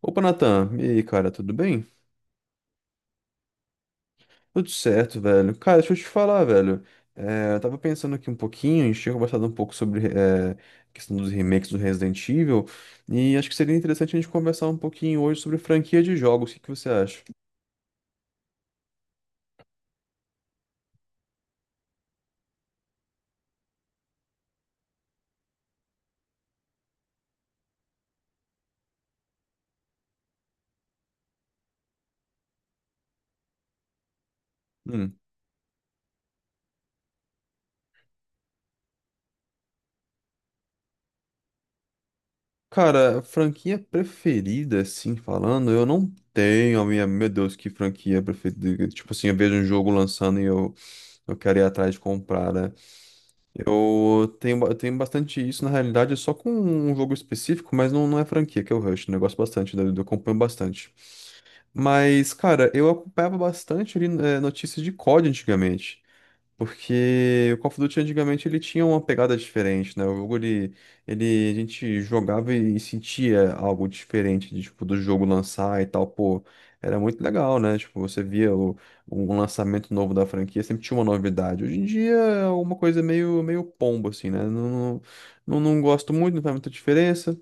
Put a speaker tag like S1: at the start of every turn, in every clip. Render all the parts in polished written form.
S1: Opa, Natan. E aí, cara, tudo bem? Tudo certo, velho. Cara, deixa eu te falar, velho. É, eu tava pensando aqui um pouquinho, a gente tinha conversado um pouco sobre a questão dos remakes do Resident Evil, e acho que seria interessante a gente conversar um pouquinho hoje sobre franquia de jogos. O que que você acha? Hum. Cara, franquia preferida, assim, falando, eu não tenho a minha. Meu Deus, que franquia preferida. Tipo assim, eu vejo um jogo lançando e eu quero ir atrás de comprar, né? Eu tenho bastante isso, na realidade, é só com um jogo específico, mas não é franquia, que é o Rush, né? Eu gosto bastante, né? Eu acompanho bastante. Mas, cara, eu acompanhava bastante ali, notícias de COD antigamente. Porque o Call of Duty antigamente ele tinha uma pegada diferente, né? O jogo ele a gente jogava e sentia algo diferente, de, tipo, do jogo lançar e tal, pô, era muito legal, né? Tipo, você via um lançamento novo da franquia, sempre tinha uma novidade. Hoje em dia é uma coisa meio pombo, assim, né? Não, não, não, não gosto muito, não faz muita diferença.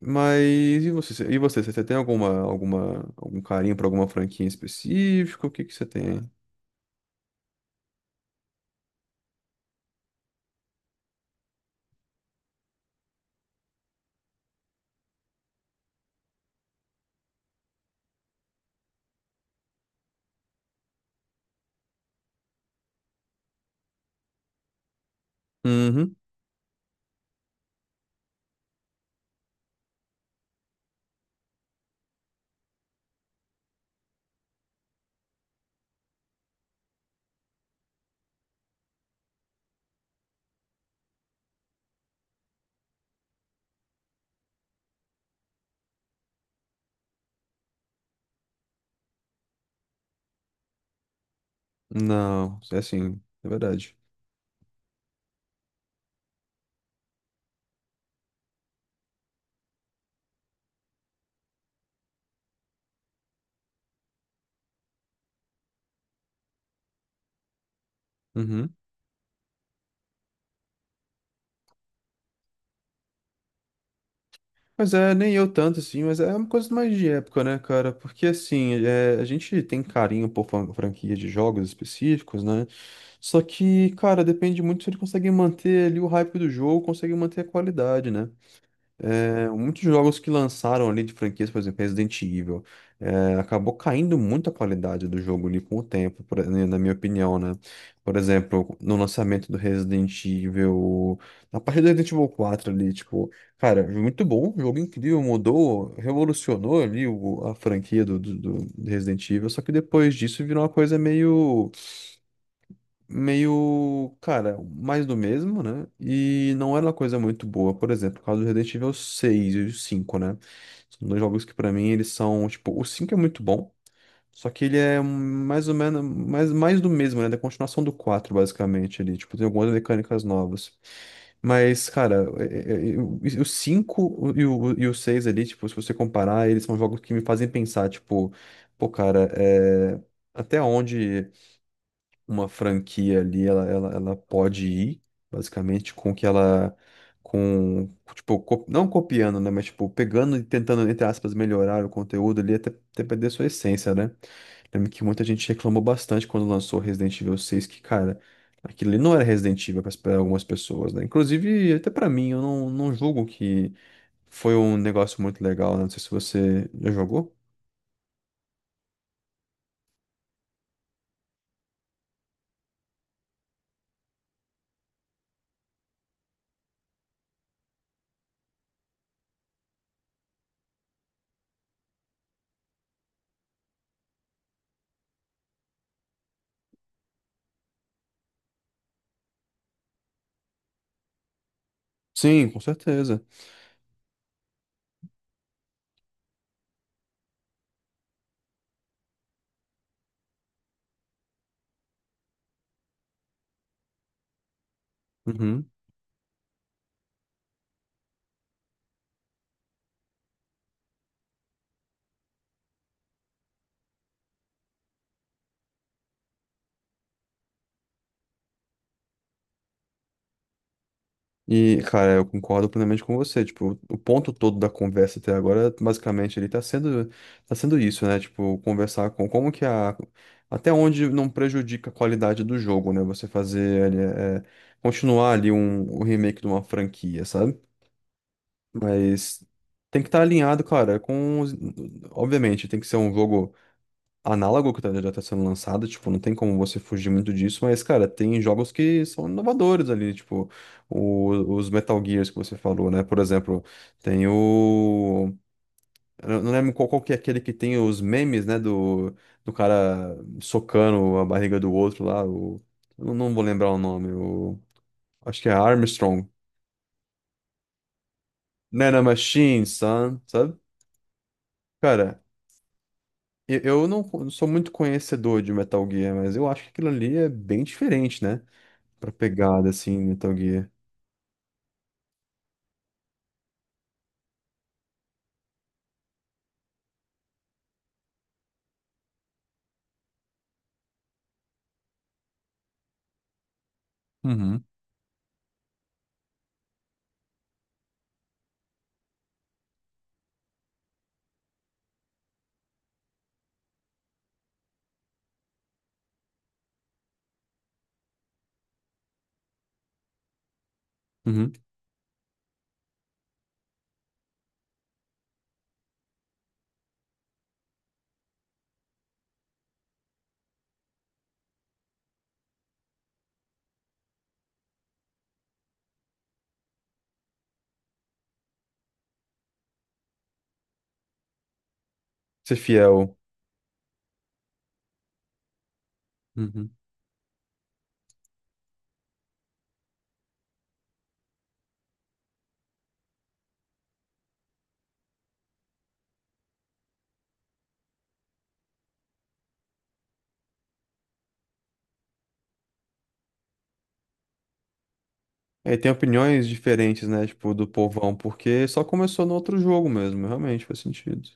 S1: Mas e você? E você? Você tem algum carinho pra alguma franquia em específico? O que que você tem? Uhum. Não, é assim, é verdade. Uhum. Mas é, nem eu tanto assim, mas é uma coisa mais de época, né, cara? Porque assim, é, a gente tem carinho por franquia de jogos específicos, né? Só que, cara, depende muito se ele consegue manter ali o hype do jogo, consegue manter a qualidade, né? É, muitos jogos que lançaram ali de franquias, por exemplo, Resident Evil, acabou caindo muito a qualidade do jogo ali com o tempo, né, na minha opinião, né? Por exemplo, no lançamento do Resident Evil, na parte do Resident Evil 4 ali, tipo, cara, muito bom, um jogo incrível, mudou, revolucionou ali a franquia do Resident Evil, só que depois disso virou uma coisa meio, cara, mais do mesmo, né? E não era uma coisa muito boa, por exemplo, o caso do Resident Evil seis e o 5, né? São dois jogos que pra mim eles são, tipo, o 5 é muito bom, só que ele é mais ou menos mais do mesmo, né? Da continuação do 4 basicamente ali, tipo, tem algumas mecânicas novas. Mas, cara, o 5 e e o 6 ali, tipo, se você comparar, eles são jogos que me fazem pensar, tipo, pô, cara, até onde uma franquia ali, ela pode ir, basicamente, com que ela. Com, tipo, não copiando, né? Mas, tipo, pegando e tentando, entre aspas, melhorar o conteúdo ali até perder sua essência, né? Lembro que muita gente reclamou bastante quando lançou Resident Evil 6, que, cara, aquilo ali não era Resident Evil para algumas pessoas, né? Inclusive, até pra mim, eu não julgo que foi um negócio muito legal, né? Não sei se você já jogou. Sim, com certeza. E, cara, eu concordo plenamente com você. Tipo, o ponto todo da conversa até agora, basicamente, ele tá sendo isso, né? Tipo, conversar com como que a. Até onde não prejudica a qualidade do jogo, né? Você fazer ali, é, continuar ali o remake de uma franquia, sabe? Mas tem que estar alinhado, cara, com. Obviamente, tem que ser um jogo análogo que já tá sendo lançado, tipo, não tem como você fugir muito disso, mas, cara, tem jogos que são inovadores ali, tipo, os Metal Gears que você falou, né? Por exemplo, tem o. Eu não lembro qual que é aquele que tem os memes, né? Do cara socando a barriga do outro lá, o. Eu não vou lembrar o nome, o. Acho que é Armstrong. Nana Machine, son, sabe? Cara. Eu não sou muito conhecedor de Metal Gear, mas eu acho que aquilo ali é bem diferente, né? Pra pegada, assim, Metal Gear. Uhum, uhum, ser fiel. Uhum. É, e tem opiniões diferentes, né? Tipo, do povão, porque só começou no outro jogo mesmo, realmente faz sentido.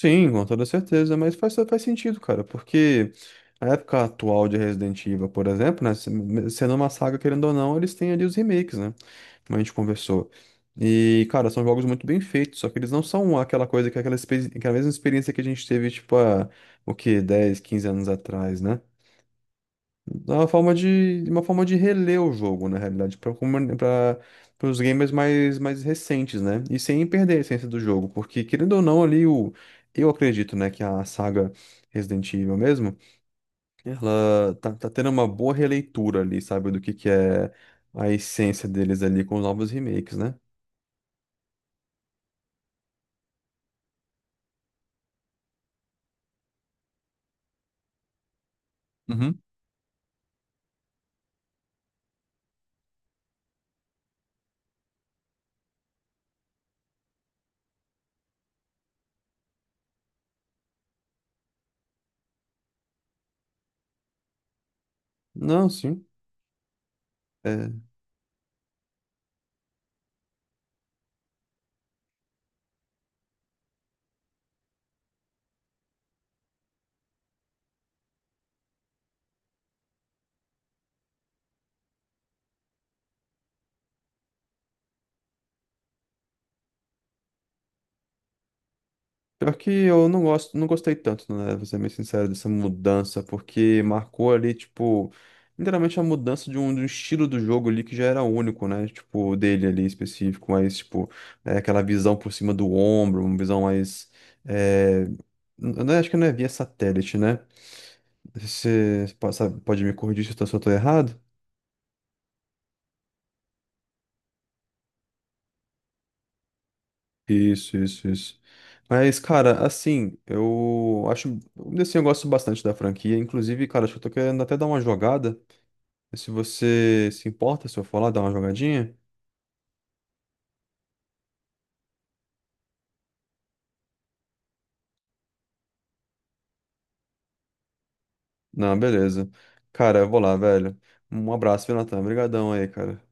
S1: Sim, com toda certeza, mas faz sentido, cara, porque a época atual de Resident Evil, por exemplo, né? Sendo uma saga, querendo ou não, eles têm ali os remakes, né? Como a gente conversou. E, cara, são jogos muito bem feitos, só que eles não são aquela coisa, que é aquela mesma experiência que a gente teve, tipo, há, o quê? 10, 15 anos atrás, né? É uma forma de reler o jogo, na realidade, para os gamers mais recentes, né? E sem perder a essência do jogo, porque, querendo ou não, ali, eu acredito, né, que a saga Resident Evil mesmo, ela tá tendo uma boa releitura ali, sabe, do que é a essência deles ali com os novos remakes, né? Uhum. Não, sim. É, pior que eu não gosto, não gostei tanto, né? Vou ser bem sincero, dessa mudança, porque marcou ali, tipo, literalmente a mudança de um estilo do jogo ali que já era único, né? Tipo, dele ali específico, mas, tipo, aquela visão por cima do ombro, uma visão mais. É, né, acho que não é via satélite, né? Você pode me corrigir se eu tô errado? Isso, isso, isso. Mas, cara, assim, eu acho. Assim, eu gosto bastante da franquia. Inclusive, cara, acho que eu tô querendo até dar uma jogada. Se você se importa, se eu for lá dar uma jogadinha? Não, beleza. Cara, eu vou lá, velho. Um abraço, viu, Natan? Obrigadão aí, cara.